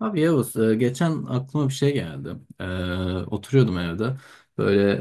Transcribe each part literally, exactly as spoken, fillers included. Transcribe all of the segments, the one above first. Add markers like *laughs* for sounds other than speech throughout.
Abi Yavuz, e, geçen aklıma bir şey geldi. E, oturuyordum evde. Böyle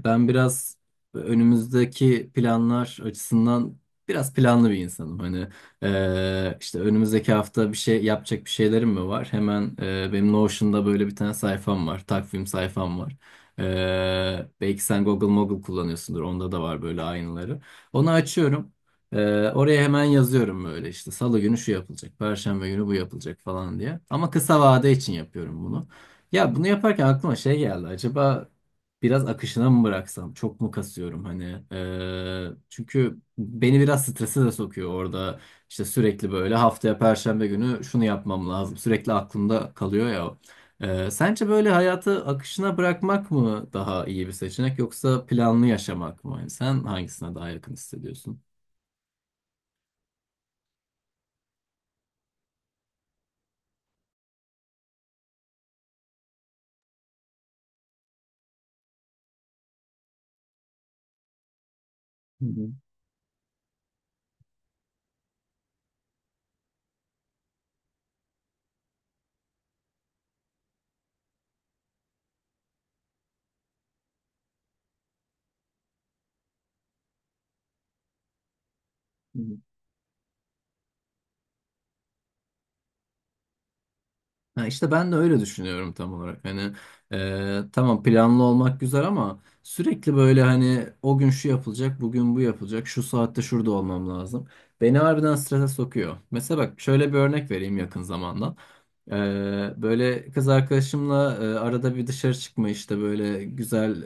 e, ben biraz önümüzdeki planlar açısından biraz planlı bir insanım. Hani e, işte önümüzdeki hafta bir şey yapacak bir şeylerim mi var? Hemen e, benim Notion'da böyle bir tane sayfam var, takvim sayfam var. E, belki sen Google Mogul kullanıyorsundur, onda da var böyle aynıları. Onu açıyorum. Ee, oraya hemen yazıyorum böyle işte salı günü şu yapılacak, perşembe günü bu yapılacak falan diye. Ama kısa vade için yapıyorum bunu. Ya bunu yaparken aklıma şey geldi. Acaba biraz akışına mı bıraksam? Çok mu kasıyorum hani? Ee, çünkü beni biraz strese de sokuyor orada. İşte sürekli böyle haftaya perşembe günü şunu yapmam lazım. Sürekli aklımda kalıyor ya. O. Ee, sence böyle hayatı akışına bırakmak mı daha iyi bir seçenek yoksa planlı yaşamak mı? Yani sen hangisine daha yakın hissediyorsun? Hı. Ha işte ben de öyle düşünüyorum tam olarak. Hani e, tamam planlı olmak güzel ama sürekli böyle hani o gün şu yapılacak, bugün bu yapılacak, şu saatte şurada olmam lazım. Beni harbiden strese sokuyor. Mesela bak şöyle bir örnek vereyim yakın zamandan. E, böyle kız arkadaşımla e, arada bir dışarı çıkma işte böyle güzel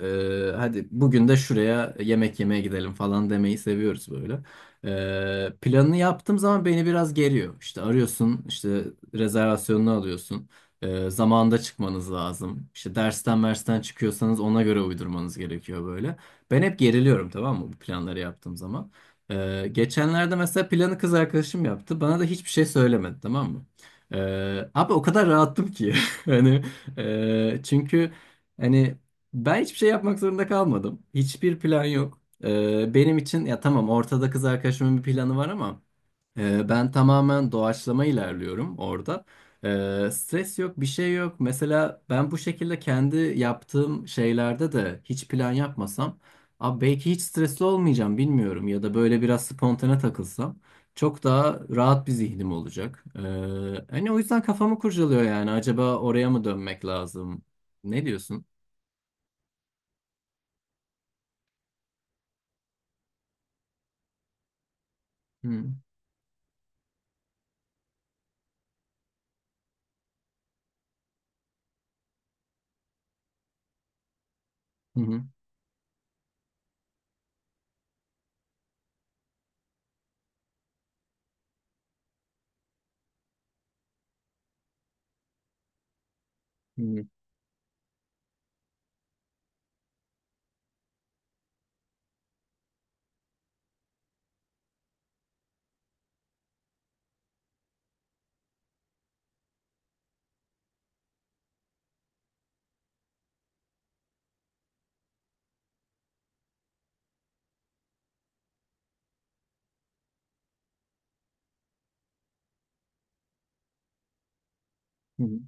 e, hadi bugün de şuraya yemek yemeye gidelim falan demeyi seviyoruz böyle. Ee, planını yaptığım zaman beni biraz geriyor. İşte arıyorsun, işte rezervasyonunu alıyorsun. Ee, zamanında çıkmanız lazım. İşte dersten dersten çıkıyorsanız ona göre uydurmanız gerekiyor böyle. Ben hep geriliyorum tamam mı bu planları yaptığım zaman. Ee, geçenlerde mesela planı kız arkadaşım yaptı. Bana da hiçbir şey söylemedi tamam mı? Ee, abi o kadar rahattım ki. *laughs* Hani e, çünkü hani ben hiçbir şey yapmak zorunda kalmadım. Hiçbir plan yok. Ee, benim için ya tamam ortada kız arkadaşımın bir planı var ama e, ben tamamen doğaçlama ilerliyorum orada. Ee, stres yok, bir şey yok. Mesela ben bu şekilde kendi yaptığım şeylerde de hiç plan yapmasam, abi belki hiç stresli olmayacağım bilmiyorum ya da böyle biraz spontane takılsam çok daha rahat bir zihnim olacak. Ee, hani o yüzden kafamı kurcalıyor yani acaba oraya mı dönmek lazım? Ne diyorsun? Hı hı hı. hı, hı.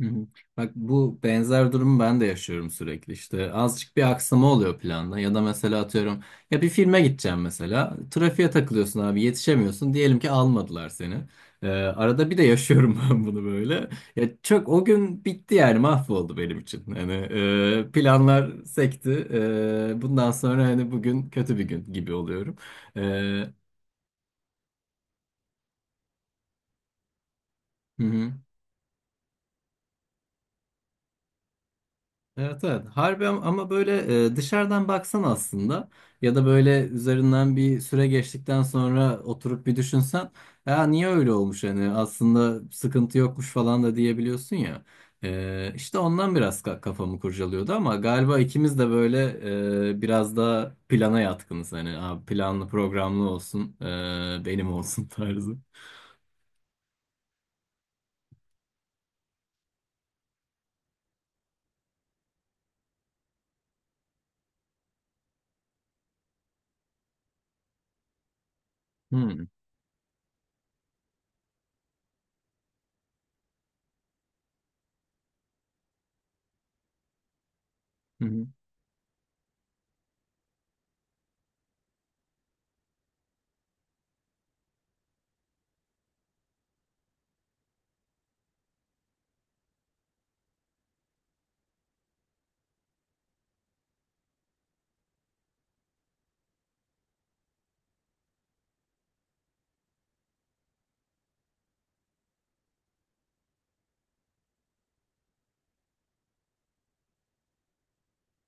Hı hı. Bak bu benzer durumu ben de yaşıyorum sürekli. İşte azıcık bir aksama oluyor planda ya da mesela atıyorum ya bir filme gideceğim mesela trafiğe takılıyorsun abi yetişemiyorsun diyelim ki almadılar seni. Ee, arada bir de yaşıyorum *laughs* ben bunu böyle ya çok o gün bitti yani mahvoldu benim için hani e, planlar sekti. E, bundan sonra hani bugün kötü bir gün gibi oluyorum. E, hı hı. Evet evet harbi am- ama böyle e, dışarıdan baksan aslında ya da böyle üzerinden bir süre geçtikten sonra oturup bir düşünsen ya niye öyle olmuş hani aslında sıkıntı yokmuş falan da diyebiliyorsun ya. E, işte ondan biraz ka- kafamı kurcalıyordu ama galiba ikimiz de böyle e, biraz da plana yatkınız hani "Aa, planlı programlı olsun e, benim olsun" *laughs* tarzı. Hmm. Hı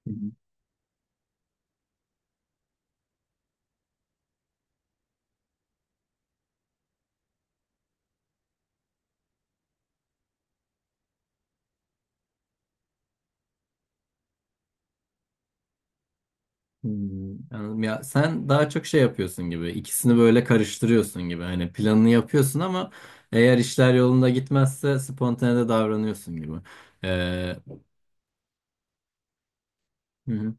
hı. Hmm, anladım. Ya sen daha çok şey yapıyorsun gibi, ikisini böyle karıştırıyorsun gibi. Hani planını yapıyorsun ama eğer işler yolunda gitmezse spontane de davranıyorsun gibi. Ee, hı hı.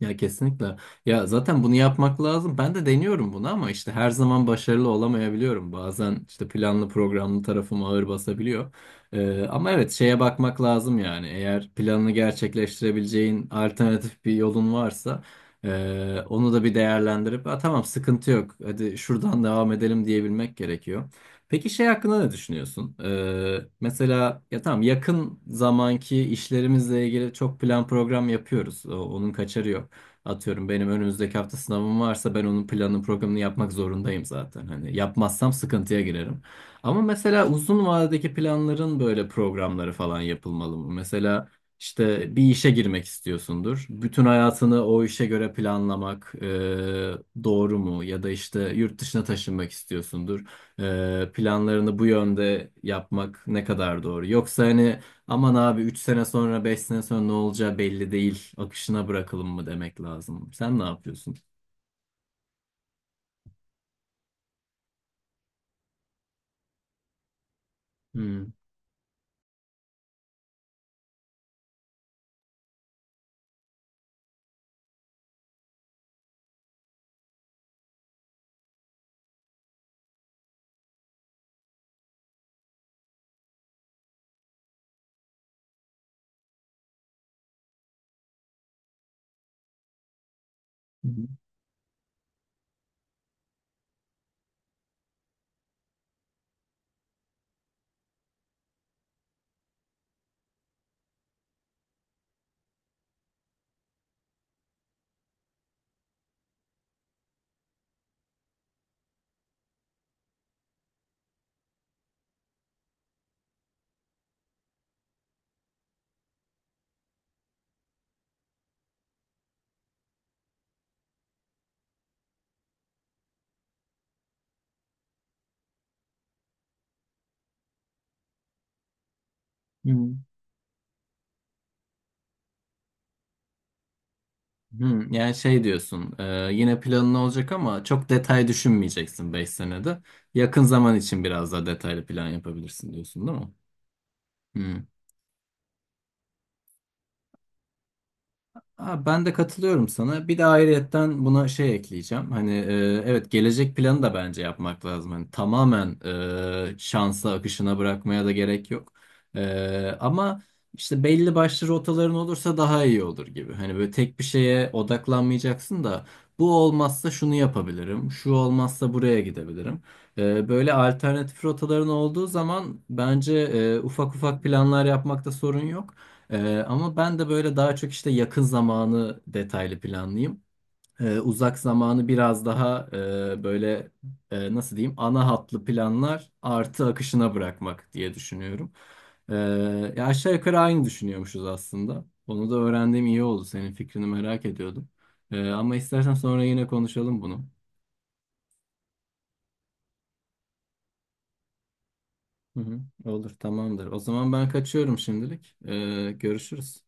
Ya kesinlikle. Ya zaten bunu yapmak lazım. Ben de deniyorum bunu ama işte her zaman başarılı olamayabiliyorum. Bazen işte planlı programlı tarafım ağır basabiliyor. Ee, ama evet şeye bakmak lazım yani. Eğer planını gerçekleştirebileceğin alternatif bir yolun varsa e, onu da bir değerlendirip "Aa, tamam sıkıntı yok. Hadi şuradan devam edelim" diyebilmek gerekiyor. Peki şey hakkında ne düşünüyorsun? Ee, mesela ya tamam yakın zamanki işlerimizle ilgili çok plan program yapıyoruz. O- onun kaçarı yok. Atıyorum benim önümüzdeki hafta sınavım varsa ben onun planını programını yapmak zorundayım zaten. Hani yapmazsam sıkıntıya girerim. Ama mesela uzun vadedeki planların böyle programları falan yapılmalı mı? Mesela işte bir işe girmek istiyorsundur. Bütün hayatını o işe göre planlamak e, doğru mu? Ya da işte yurt dışına taşınmak istiyorsundur. E, planlarını bu yönde yapmak ne kadar doğru? Yoksa hani "Aman abi üç sene sonra beş sene sonra ne olacağı belli değil. Akışına bırakalım" mı demek lazım. Sen ne yapıyorsun? Hmm. Hmm. Hmm. Yani şey diyorsun e, yine planın olacak ama çok detay düşünmeyeceksin beş senede. Yakın zaman için biraz daha detaylı plan yapabilirsin diyorsun değil mi? Ha, ben de katılıyorum sana. Bir de ayrıyetten buna şey ekleyeceğim. Hani e, evet gelecek planı da bence yapmak lazım. Hani tamamen e, şansa, akışına bırakmaya da gerek yok. E, ama işte belli başlı rotaların olursa daha iyi olur gibi. Hani böyle tek bir şeye odaklanmayacaksın da bu olmazsa şunu yapabilirim, şu olmazsa buraya gidebilirim. E, böyle alternatif rotaların olduğu zaman bence e, ufak ufak planlar yapmakta sorun yok. Ee, ama ben de böyle daha çok işte yakın zamanı detaylı planlayayım. Ee, uzak zamanı biraz daha e, böyle e, nasıl diyeyim ana hatlı planlar artı akışına bırakmak diye düşünüyorum. Ee, ya aşağı yukarı aynı düşünüyormuşuz aslında. Onu da öğrendiğim iyi oldu. Senin fikrini merak ediyordum. Ee, ama istersen sonra yine konuşalım bunu. Hı hı, olur tamamdır. O zaman ben kaçıyorum şimdilik. Ee, görüşürüz.